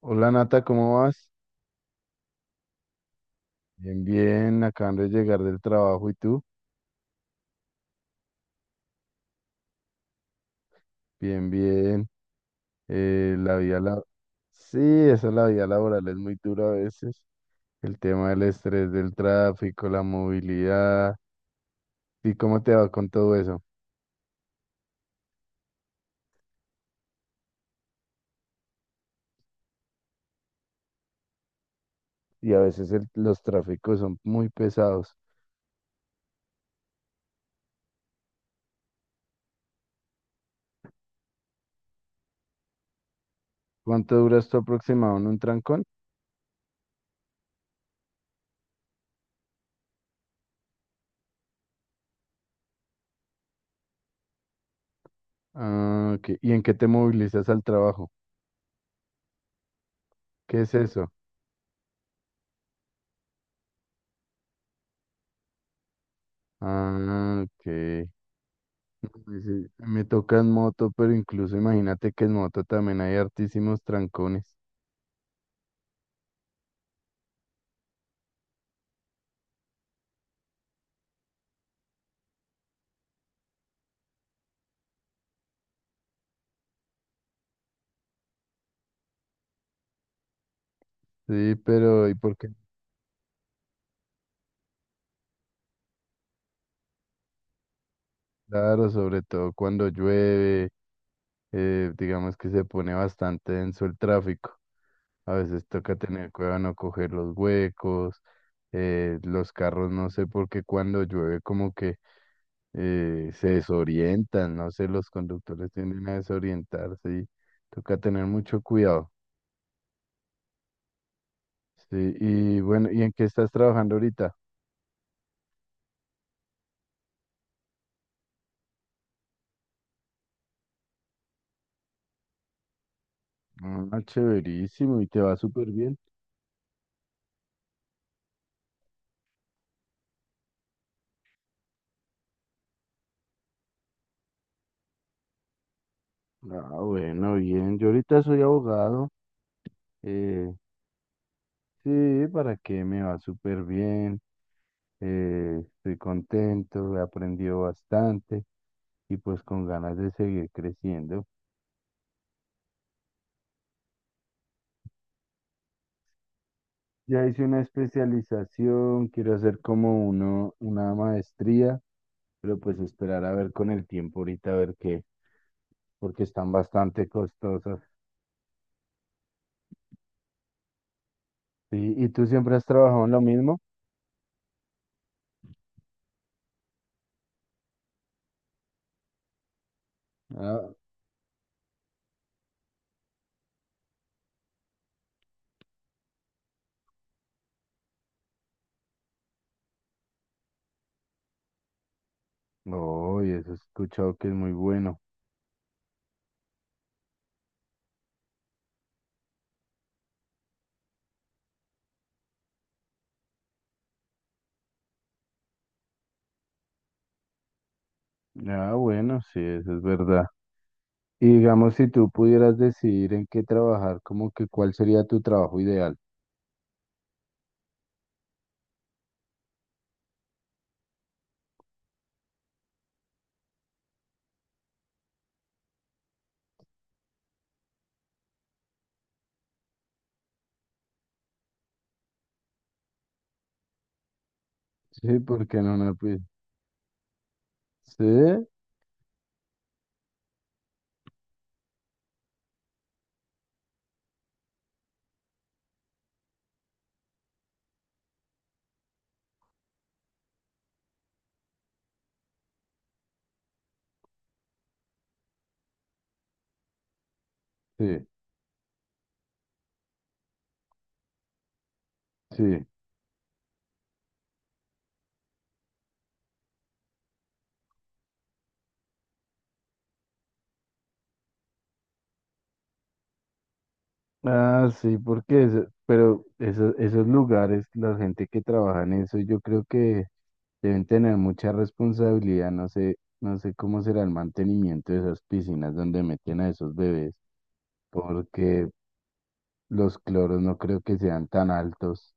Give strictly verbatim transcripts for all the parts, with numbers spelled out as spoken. Hola Nata, ¿cómo vas? Bien, bien, acaban de llegar del trabajo y tú, bien, bien. Eh, la vida la... Sí, esa la vida laboral es muy dura a veces. El tema del estrés, del tráfico, la movilidad. ¿Y cómo te va con todo eso? Y a veces el- los tráficos son muy pesados. ¿Cuánto duras tú aproximado en un trancón? Ah, ok. ¿Y en qué te movilizas al trabajo? ¿Qué es eso? Ah, ok. Sí, me toca en moto, pero incluso imagínate que en moto también hay hartísimos trancones. Sí, pero ¿y por qué? Claro, sobre todo cuando llueve, eh, digamos que se pone bastante denso el tráfico. A veces toca tener cuidado no coger los huecos, eh, los carros, no sé por qué cuando llueve como que eh, se desorientan, no sé, los conductores tienden a desorientarse y toca tener mucho cuidado. Sí, y bueno, ¿y en qué estás trabajando ahorita? Ah, chéverísimo, y te va súper bien. Ah, bueno, bien. Yo ahorita soy abogado. eh, sí, ¿para qué? Me va súper bien. Eh, estoy contento, he aprendido bastante y pues con ganas de seguir creciendo. Ya hice una especialización, quiero hacer como uno, una maestría, pero pues esperar a ver con el tiempo ahorita a ver qué, porque están bastante costosas. Sí, ¿y tú siempre has trabajado en lo mismo? Ah. Oh, y eso he escuchado que es muy bueno. Ah, bueno, sí, eso es verdad. Y digamos, si tú pudieras decidir en qué trabajar, como que cuál sería tu trabajo ideal. Sí, porque no me pi- sí, sí, sí. Ah, sí, porque eso, pero eso- esos lugares, la gente que trabaja en eso, yo creo que deben tener mucha responsabilidad. No sé, no sé cómo será el mantenimiento de esas piscinas donde meten a esos bebés, porque los cloros no creo que sean tan altos.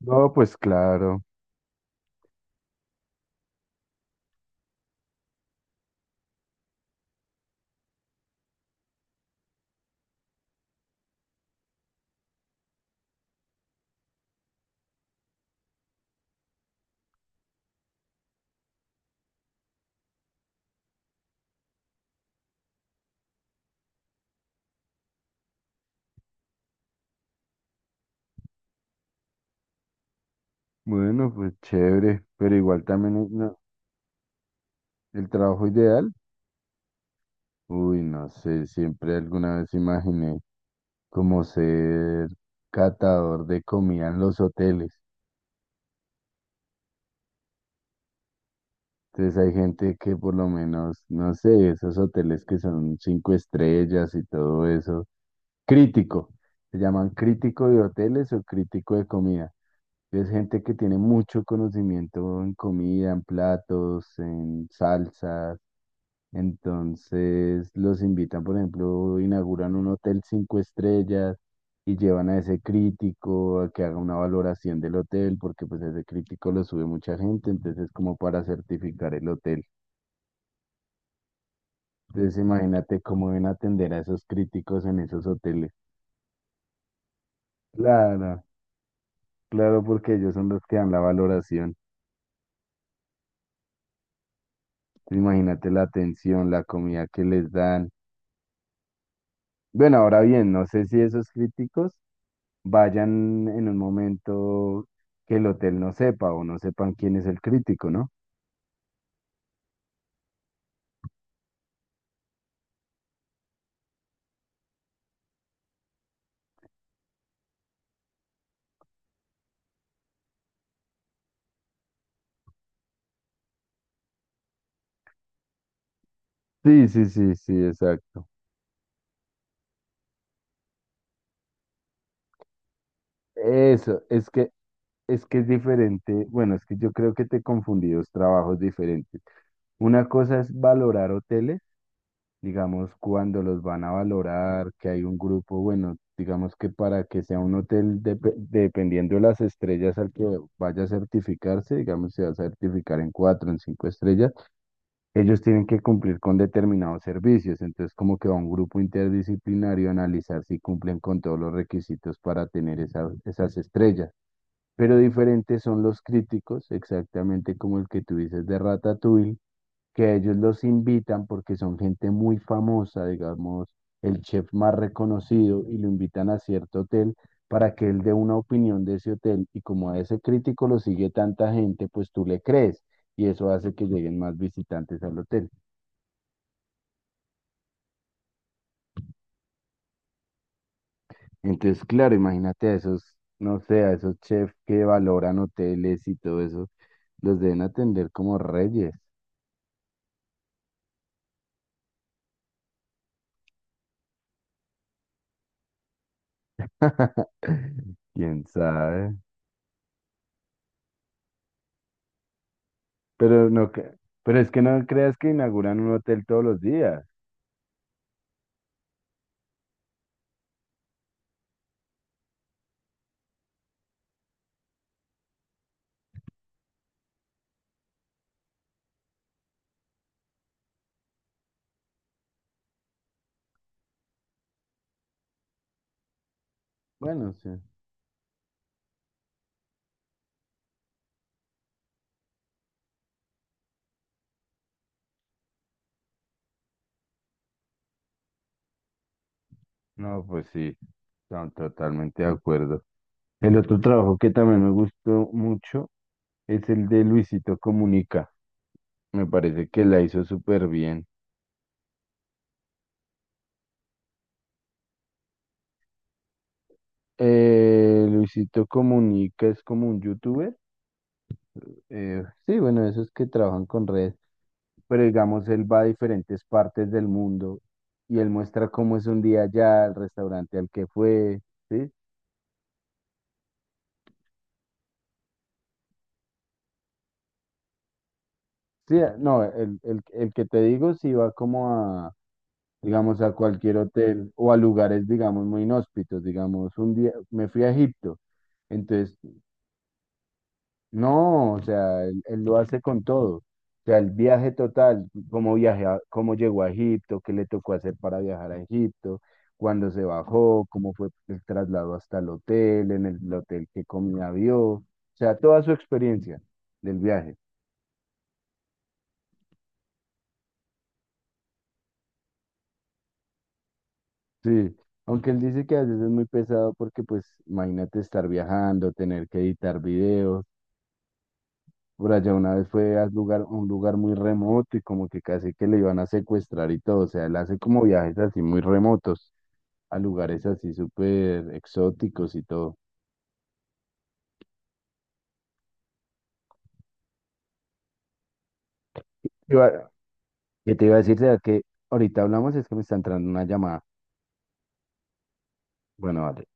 No, pues claro. Bueno, pues chévere, pero igual también es una- el trabajo ideal. Uy, no sé, siempre alguna vez imaginé como ser catador de comida en los hoteles. Entonces hay gente que por lo menos, no sé, esos hoteles que son cinco estrellas y todo eso. Crítico, se llaman crítico de hoteles o crítico de comida. Es gente que tiene mucho conocimiento en comida, en platos, en salsas. Entonces los invitan, por ejemplo, inauguran un hotel cinco estrellas y llevan a ese crítico a que haga una valoración del hotel, porque pues ese crítico lo sube mucha gente, entonces es como para certificar el hotel. Entonces imagínate cómo deben atender a esos críticos en esos hoteles. Claro, claro, porque ellos son los que dan la valoración. Imagínate la atención, la comida que les dan. Bueno, ahora bien, no sé si esos críticos vayan en un momento que el hotel no sepa o no sepan quién es el crítico, ¿no? Sí, sí, sí, sí, exacto. Eso, es que es que es diferente. Bueno, es que yo creo que te confundí dos trabajos diferentes. Una cosa es valorar hoteles, digamos, cuando los van a valorar, que hay un grupo, bueno, digamos que para que sea un hotel, depe- dependiendo de las estrellas al que vaya a certificarse, digamos, se va a certificar en cuatro, en cinco estrellas, ellos tienen que cumplir con determinados servicios, entonces como que va un grupo interdisciplinario a analizar si cumplen con todos los requisitos para tener esas, esas estrellas. Pero diferentes son los críticos, exactamente como el que tú dices de Ratatouille, que a ellos los invitan porque son gente muy famosa, digamos, el chef más reconocido, y lo invitan a cierto hotel para que él dé una opinión de ese hotel, y como a ese crítico lo sigue tanta gente, pues tú le crees, y eso hace que lleguen más visitantes al hotel. Entonces, claro, imagínate a esos, no sé, a esos chefs que valoran hoteles y todo eso, los deben atender como reyes. ¿Quién sabe? Pero no, cre- pero es que no creas que inauguran un hotel todos los días. Bueno, sí. No, pues sí, no, totalmente de acuerdo. El otro trabajo que también me gustó mucho es el de Luisito Comunica. Me parece que la hizo súper bien. Eh, Luisito Comunica es como un youtuber. Eh, sí, bueno, esos que trabajan con redes, pero digamos, él va a diferentes partes del mundo y él muestra cómo es un día allá, el restaurante al que fue, ¿sí? Sí, a- no, el, el, el que te digo sí va como a, digamos, a cualquier hotel o a lugares, digamos, muy inhóspitos, digamos, un día me fui a Egipto, entonces no, o sea, él, él lo hace con todo. O sea, el viaje total, cómo viaje a- cómo llegó a Egipto, qué le tocó hacer para viajar a Egipto, cuándo se bajó, cómo fue el traslado hasta el hotel, en el hotel qué comida vio, o sea, toda su experiencia del viaje. Sí, aunque él dice que a veces es muy pesado porque pues imagínate estar viajando, tener que editar videos. Por allá una vez fue a un lugar, un lugar muy remoto y como que casi que le iban a secuestrar y todo. O sea, él hace como viajes así muy remotos a lugares así súper exóticos y todo. Iba- ¿Qué te iba a decir? Sea que ahorita hablamos, es que me está entrando una llamada. Bueno, vale.